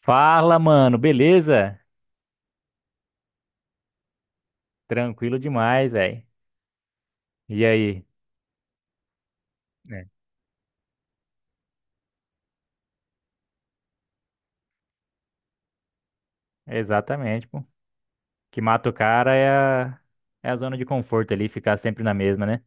Fala, mano, beleza? Tranquilo demais, velho. E aí? É. Exatamente, pô. O que mata o cara é a zona de conforto ali, ficar sempre na mesma, né?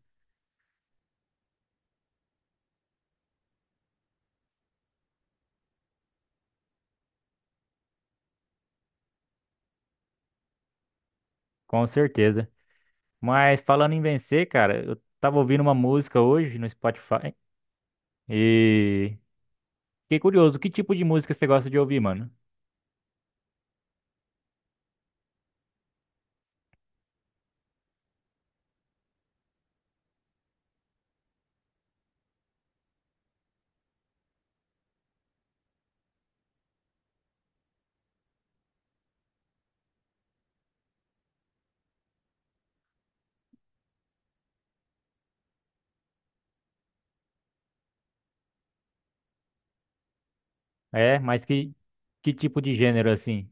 Com certeza. Mas falando em vencer, cara, eu tava ouvindo uma música hoje no Spotify e fiquei curioso, que tipo de música você gosta de ouvir, mano? É, mas que tipo de gênero assim?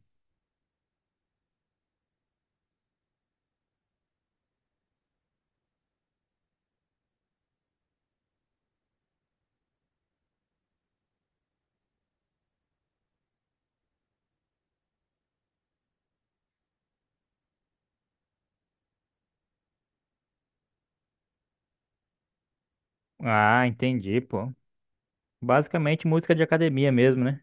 Ah, entendi, pô. Basicamente música de academia mesmo, né?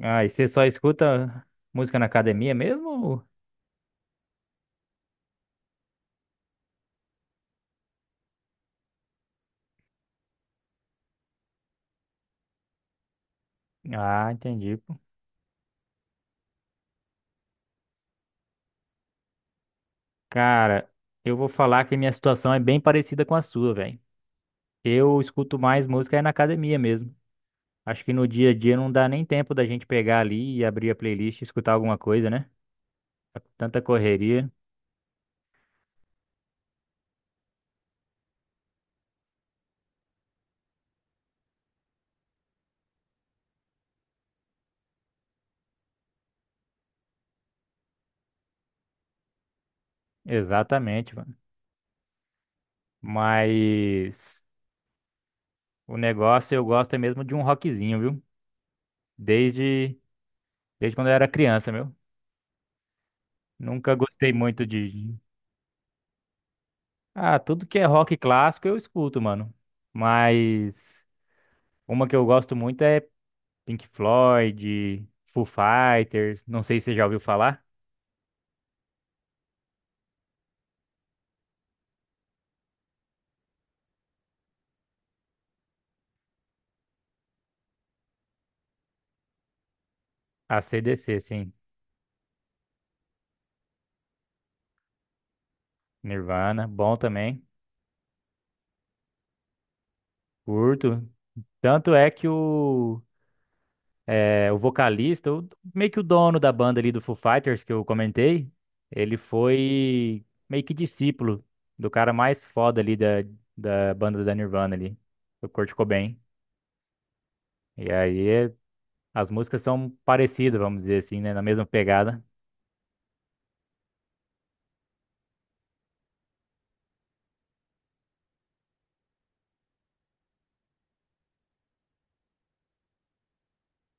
Ah, e você só escuta música na academia mesmo? Ah, entendi, pô. Cara, eu vou falar que minha situação é bem parecida com a sua, velho. Eu escuto mais música é na academia mesmo. Acho que no dia a dia não dá nem tempo da gente pegar ali e abrir a playlist e escutar alguma coisa, né? Tanta correria. Exatamente, mano. Mas o negócio eu gosto é mesmo de um rockzinho, viu? Desde, desde quando eu era criança, meu. Nunca gostei muito de. Ah, tudo que é rock clássico eu escuto, mano. Mas uma que eu gosto muito é Pink Floyd, Foo Fighters, não sei se você já ouviu falar. AC/DC, sim. Nirvana, bom também. Curto. Tanto é que o vocalista, meio que o dono da banda ali do Foo Fighters que eu comentei, ele foi meio que discípulo do cara mais foda ali da banda da Nirvana ali, do Kurt Cobain. E aí é As músicas são parecidas, vamos dizer assim, né? Na mesma pegada.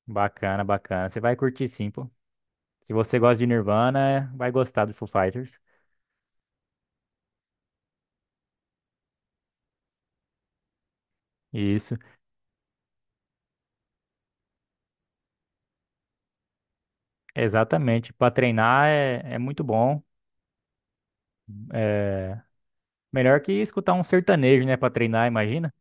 Bacana, bacana. Você vai curtir sim, pô. Se você gosta de Nirvana, vai gostar do Foo Fighters. Isso, exatamente. Pra treinar é muito bom. É melhor que escutar um sertanejo, né? Pra treinar, imagina.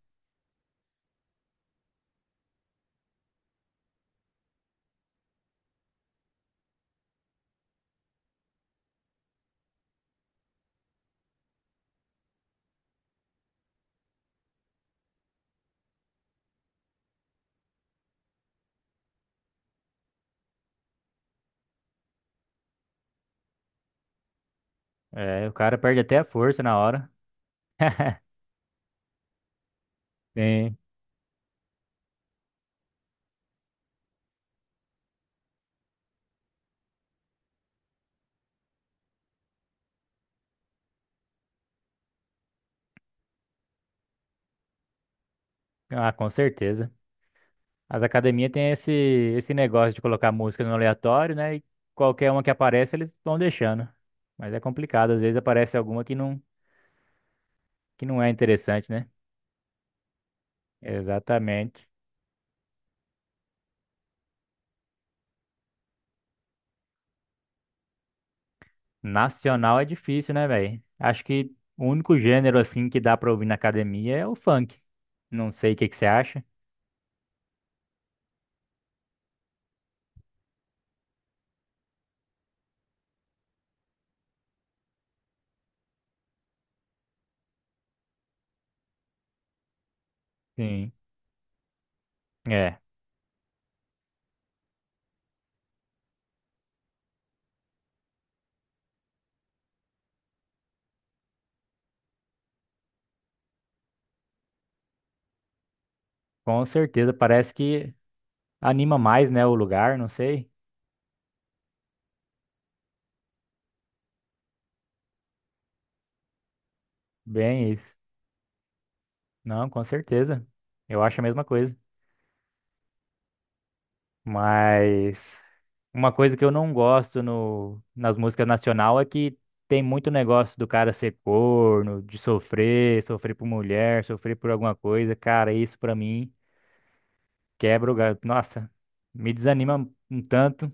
É, o cara perde até a força na hora. Tem. Ah, com certeza. As academias têm esse negócio de colocar música no aleatório, né? E qualquer uma que aparece, eles vão deixando. Mas é complicado, às vezes aparece alguma que não é interessante, né? Exatamente. Nacional é difícil, né, velho? Acho que o único gênero assim que dá pra ouvir na academia é o funk. Não sei o que que você acha. Sim. É, com certeza. Parece que anima mais, né, o lugar, não sei. Bem isso. Não, com certeza. Eu acho a mesma coisa. Mas uma coisa que eu não gosto no, nas músicas nacional é que tem muito negócio do cara ser corno, de sofrer, sofrer por mulher, sofrer por alguma coisa. Cara, isso pra mim quebra o gato. Nossa, me desanima um tanto.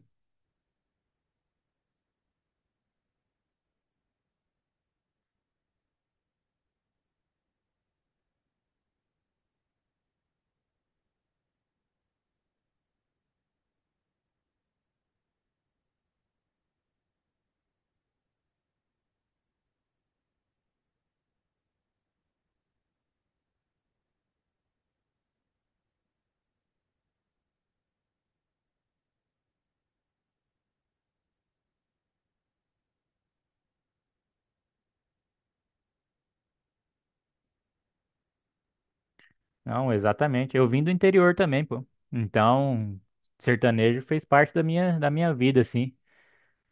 Não, exatamente. Eu vim do interior também, pô. Então, sertanejo fez parte da minha vida, assim.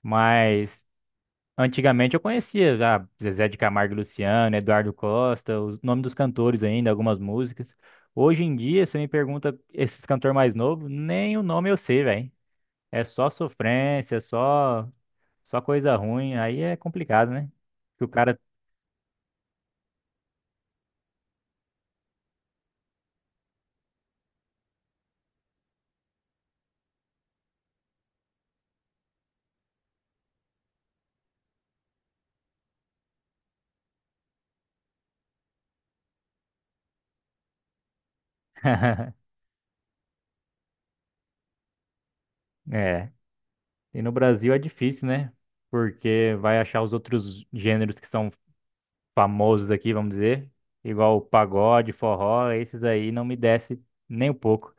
Mas. Antigamente eu conhecia já Zezé de Camargo e Luciano, Eduardo Costa, os nomes dos cantores ainda, algumas músicas. Hoje em dia, você me pergunta esses cantores mais novos, nem o nome eu sei, velho. É só sofrência, só coisa ruim, aí é complicado, né? Que o cara é. E no Brasil é difícil, né? Porque vai achar os outros gêneros que são famosos aqui, vamos dizer, igual o pagode, forró, esses aí não me desce nem um pouco.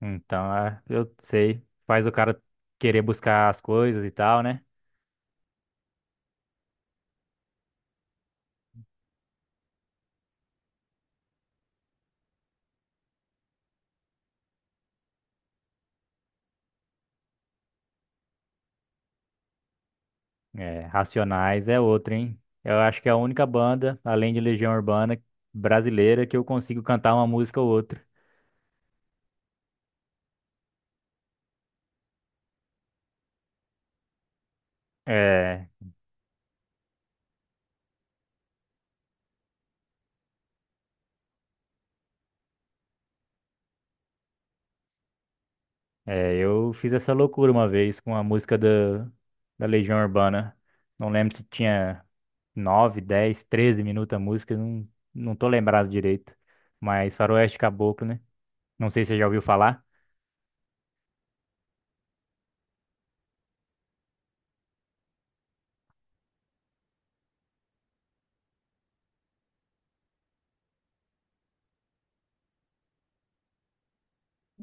Então, eu sei. Faz o cara querer buscar as coisas e tal, né? É, Racionais é outra, hein? Eu acho que é a única banda, além de Legião Urbana, brasileira, que eu consigo cantar uma música ou outra. É, eu fiz essa loucura uma vez com a música da Legião Urbana. Não lembro se tinha 9 10 13 minutos a música, não, não tô lembrado direito. Mas Faroeste Caboclo, né? Não sei se você já ouviu falar.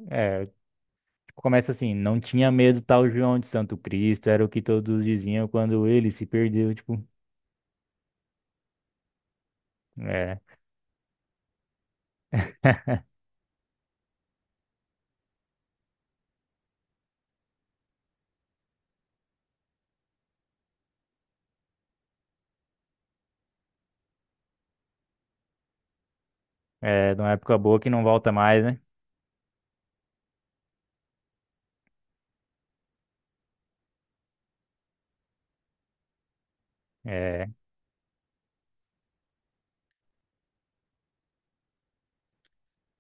É, começa assim, não tinha medo tal João de Santo Cristo, era o que todos diziam quando ele se perdeu, tipo, é, é de uma época boa que não volta mais, né? É,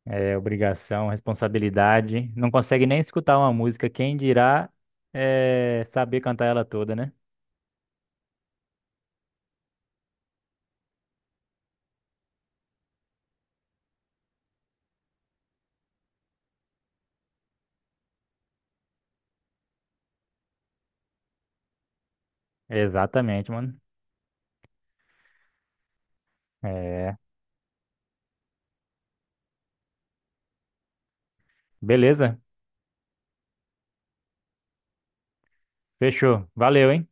é obrigação, responsabilidade, não consegue nem escutar uma música, quem dirá é saber cantar ela toda, né? Exatamente, mano. É, beleza, fechou, valeu, hein?